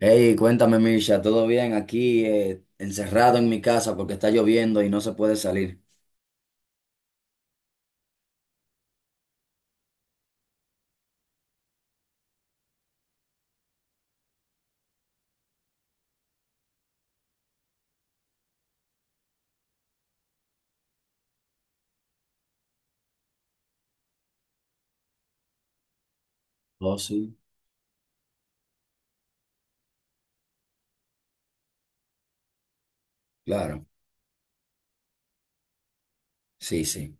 Hey, cuéntame, Misha, ¿todo bien aquí, encerrado en mi casa porque está lloviendo y no se puede salir? Oh, sí. Claro, sí, sí.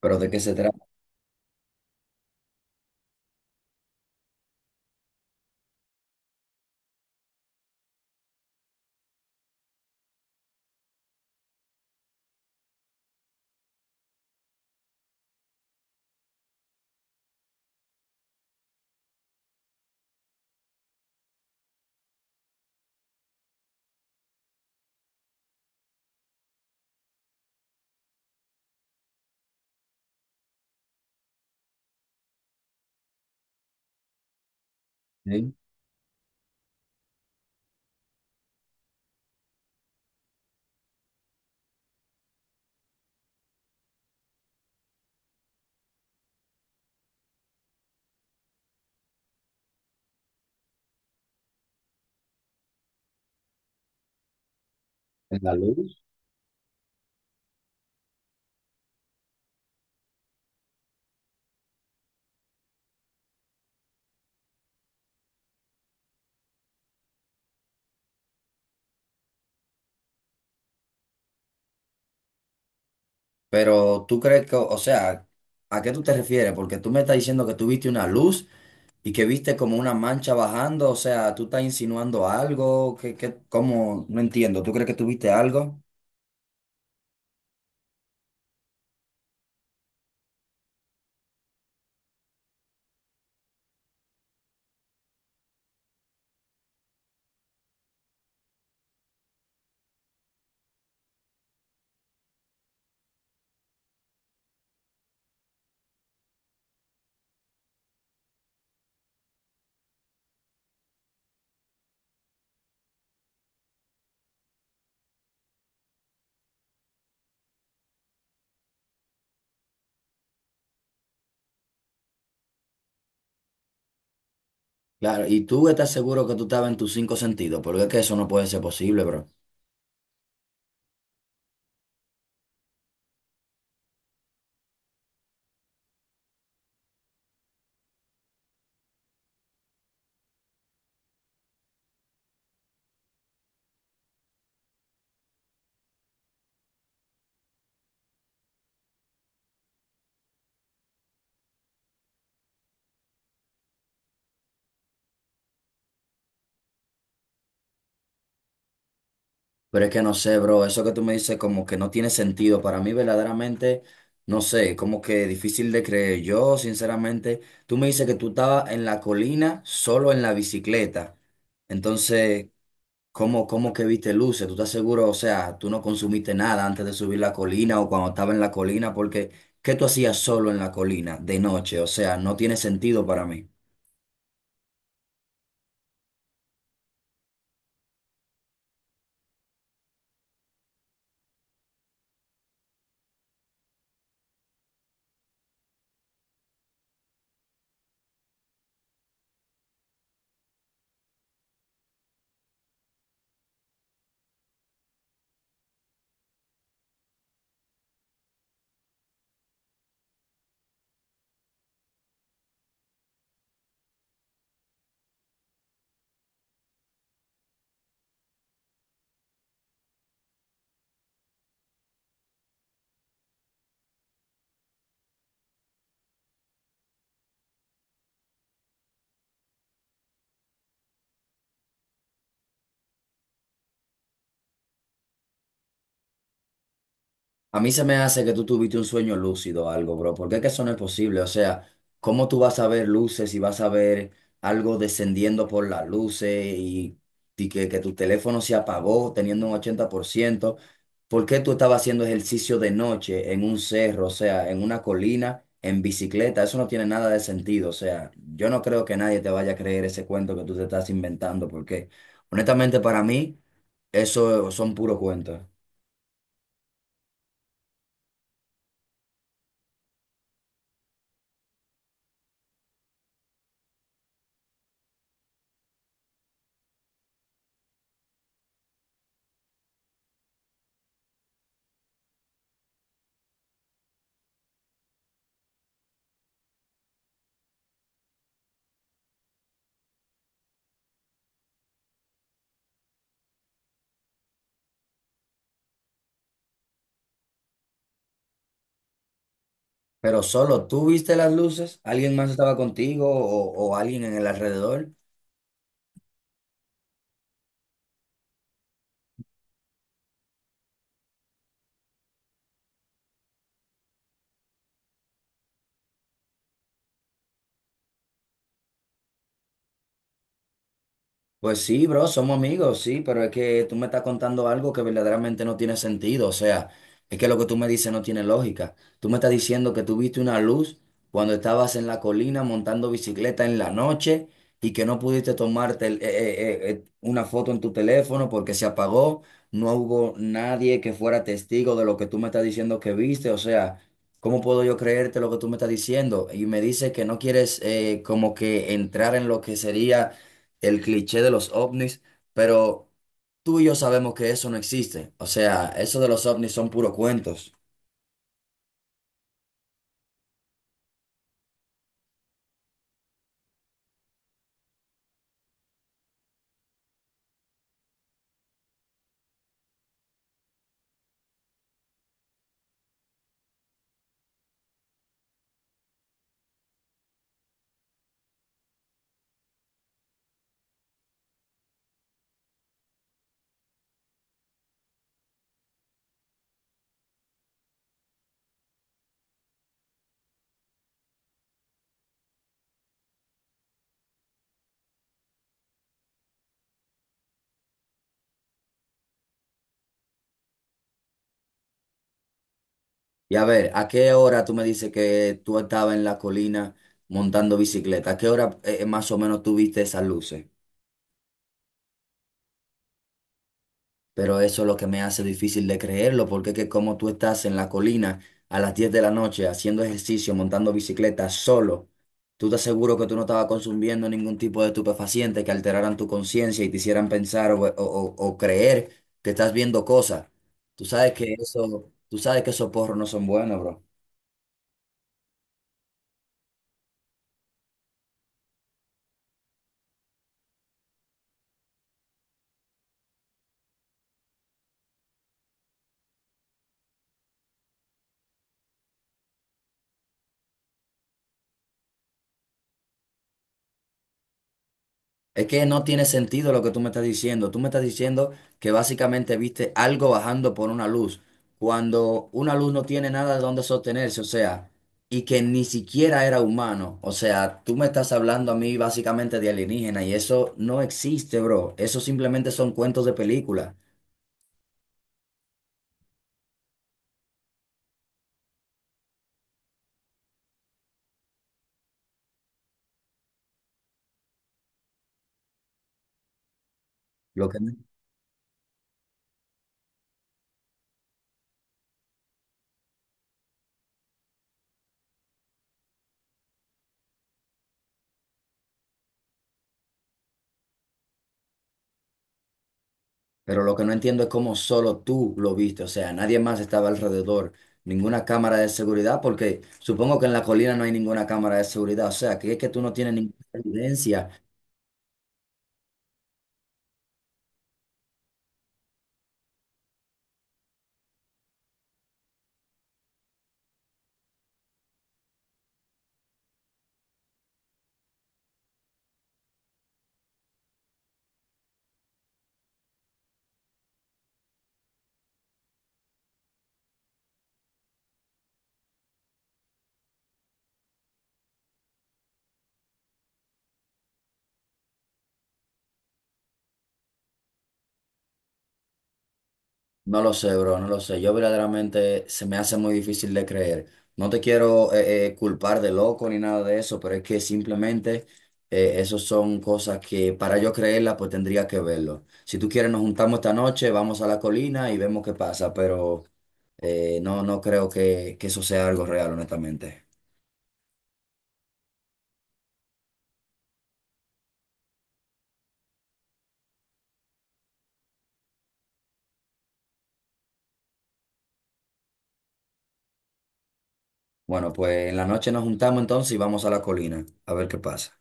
¿Pero de qué se trata? ¿Sí? ¿En la luz? Pero tú crees que, o sea, ¿a qué tú te refieres? Porque tú me estás diciendo que tú viste una luz y que viste como una mancha bajando, o sea, ¿tú estás insinuando algo? ¿Qué, qué, cómo? No entiendo, ¿tú crees que tú viste algo? Claro, y tú estás seguro que tú estabas en tus cinco sentidos, porque es que eso no puede ser posible, bro. Pero es que no sé, bro, eso que tú me dices como que no tiene sentido. Para mí verdaderamente, no sé, como que difícil de creer. Yo, sinceramente, tú me dices que tú estabas en la colina solo en la bicicleta. Entonces, ¿cómo, cómo que viste luces? ¿Tú estás seguro? O sea, tú no consumiste nada antes de subir la colina o cuando estaba en la colina, porque ¿qué tú hacías solo en la colina de noche? O sea, no tiene sentido para mí. A mí se me hace que tú tuviste un sueño lúcido o algo, bro, porque es que eso no es posible. O sea, ¿cómo tú vas a ver luces y vas a ver algo descendiendo por las luces y que tu teléfono se apagó teniendo un 80%? ¿Por ciento? ¿Por qué tú estabas haciendo ejercicio de noche en un cerro, o sea, en una colina, en bicicleta? Eso no tiene nada de sentido. O sea, yo no creo que nadie te vaya a creer ese cuento que tú te estás inventando, porque honestamente para mí eso son puros cuentos. Pero solo tú viste las luces, alguien más estaba contigo o alguien en el alrededor. Pues sí, bro, somos amigos, sí, pero es que tú me estás contando algo que verdaderamente no tiene sentido. O sea, es que lo que tú me dices no tiene lógica. Tú me estás diciendo que tú viste una luz cuando estabas en la colina montando bicicleta en la noche y que no pudiste tomarte una foto en tu teléfono porque se apagó. No hubo nadie que fuera testigo de lo que tú me estás diciendo que viste. O sea, ¿cómo puedo yo creerte lo que tú me estás diciendo? Y me dices que no quieres como que entrar en lo que sería el cliché de los ovnis, pero tú y yo sabemos que eso no existe. O sea, eso de los ovnis son puros cuentos. Y a ver, ¿a qué hora tú me dices que tú estabas en la colina montando bicicleta? ¿A qué hora más o menos tú viste esas luces? Pero eso es lo que me hace difícil de creerlo, porque es que como tú estás en la colina a las 10 de la noche haciendo ejercicio, montando bicicleta solo, tú te aseguro que tú no estabas consumiendo ningún tipo de estupefaciente que alteraran tu conciencia y te hicieran pensar o, o creer que estás viendo cosas. Tú sabes que eso, tú sabes que esos porros no son buenos, bro. Es que no tiene sentido lo que tú me estás diciendo. Tú me estás diciendo que básicamente viste algo bajando por una luz, cuando una luz no tiene nada de dónde sostenerse, o sea, y que ni siquiera era humano. O sea, tú me estás hablando a mí básicamente de alienígena y eso no existe, bro. Eso simplemente son cuentos de película. Lo que no Pero lo que no entiendo es cómo solo tú lo viste, o sea, nadie más estaba alrededor, ninguna cámara de seguridad, porque supongo que en la colina no hay ninguna cámara de seguridad, o sea, que es que tú no tienes ninguna evidencia. No lo sé, bro, no lo sé. Yo verdaderamente se me hace muy difícil de creer. No te quiero culpar de loco ni nada de eso, pero es que simplemente esos son cosas que para yo creerlas, pues tendría que verlo. Si tú quieres, nos juntamos esta noche, vamos a la colina y vemos qué pasa, pero no, no creo que eso sea algo real, honestamente. Bueno, pues en la noche nos juntamos entonces y vamos a la colina a ver qué pasa.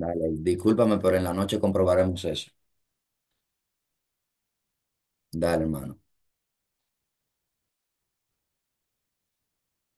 Dale, discúlpame, pero en la noche comprobaremos eso. Dale, hermano.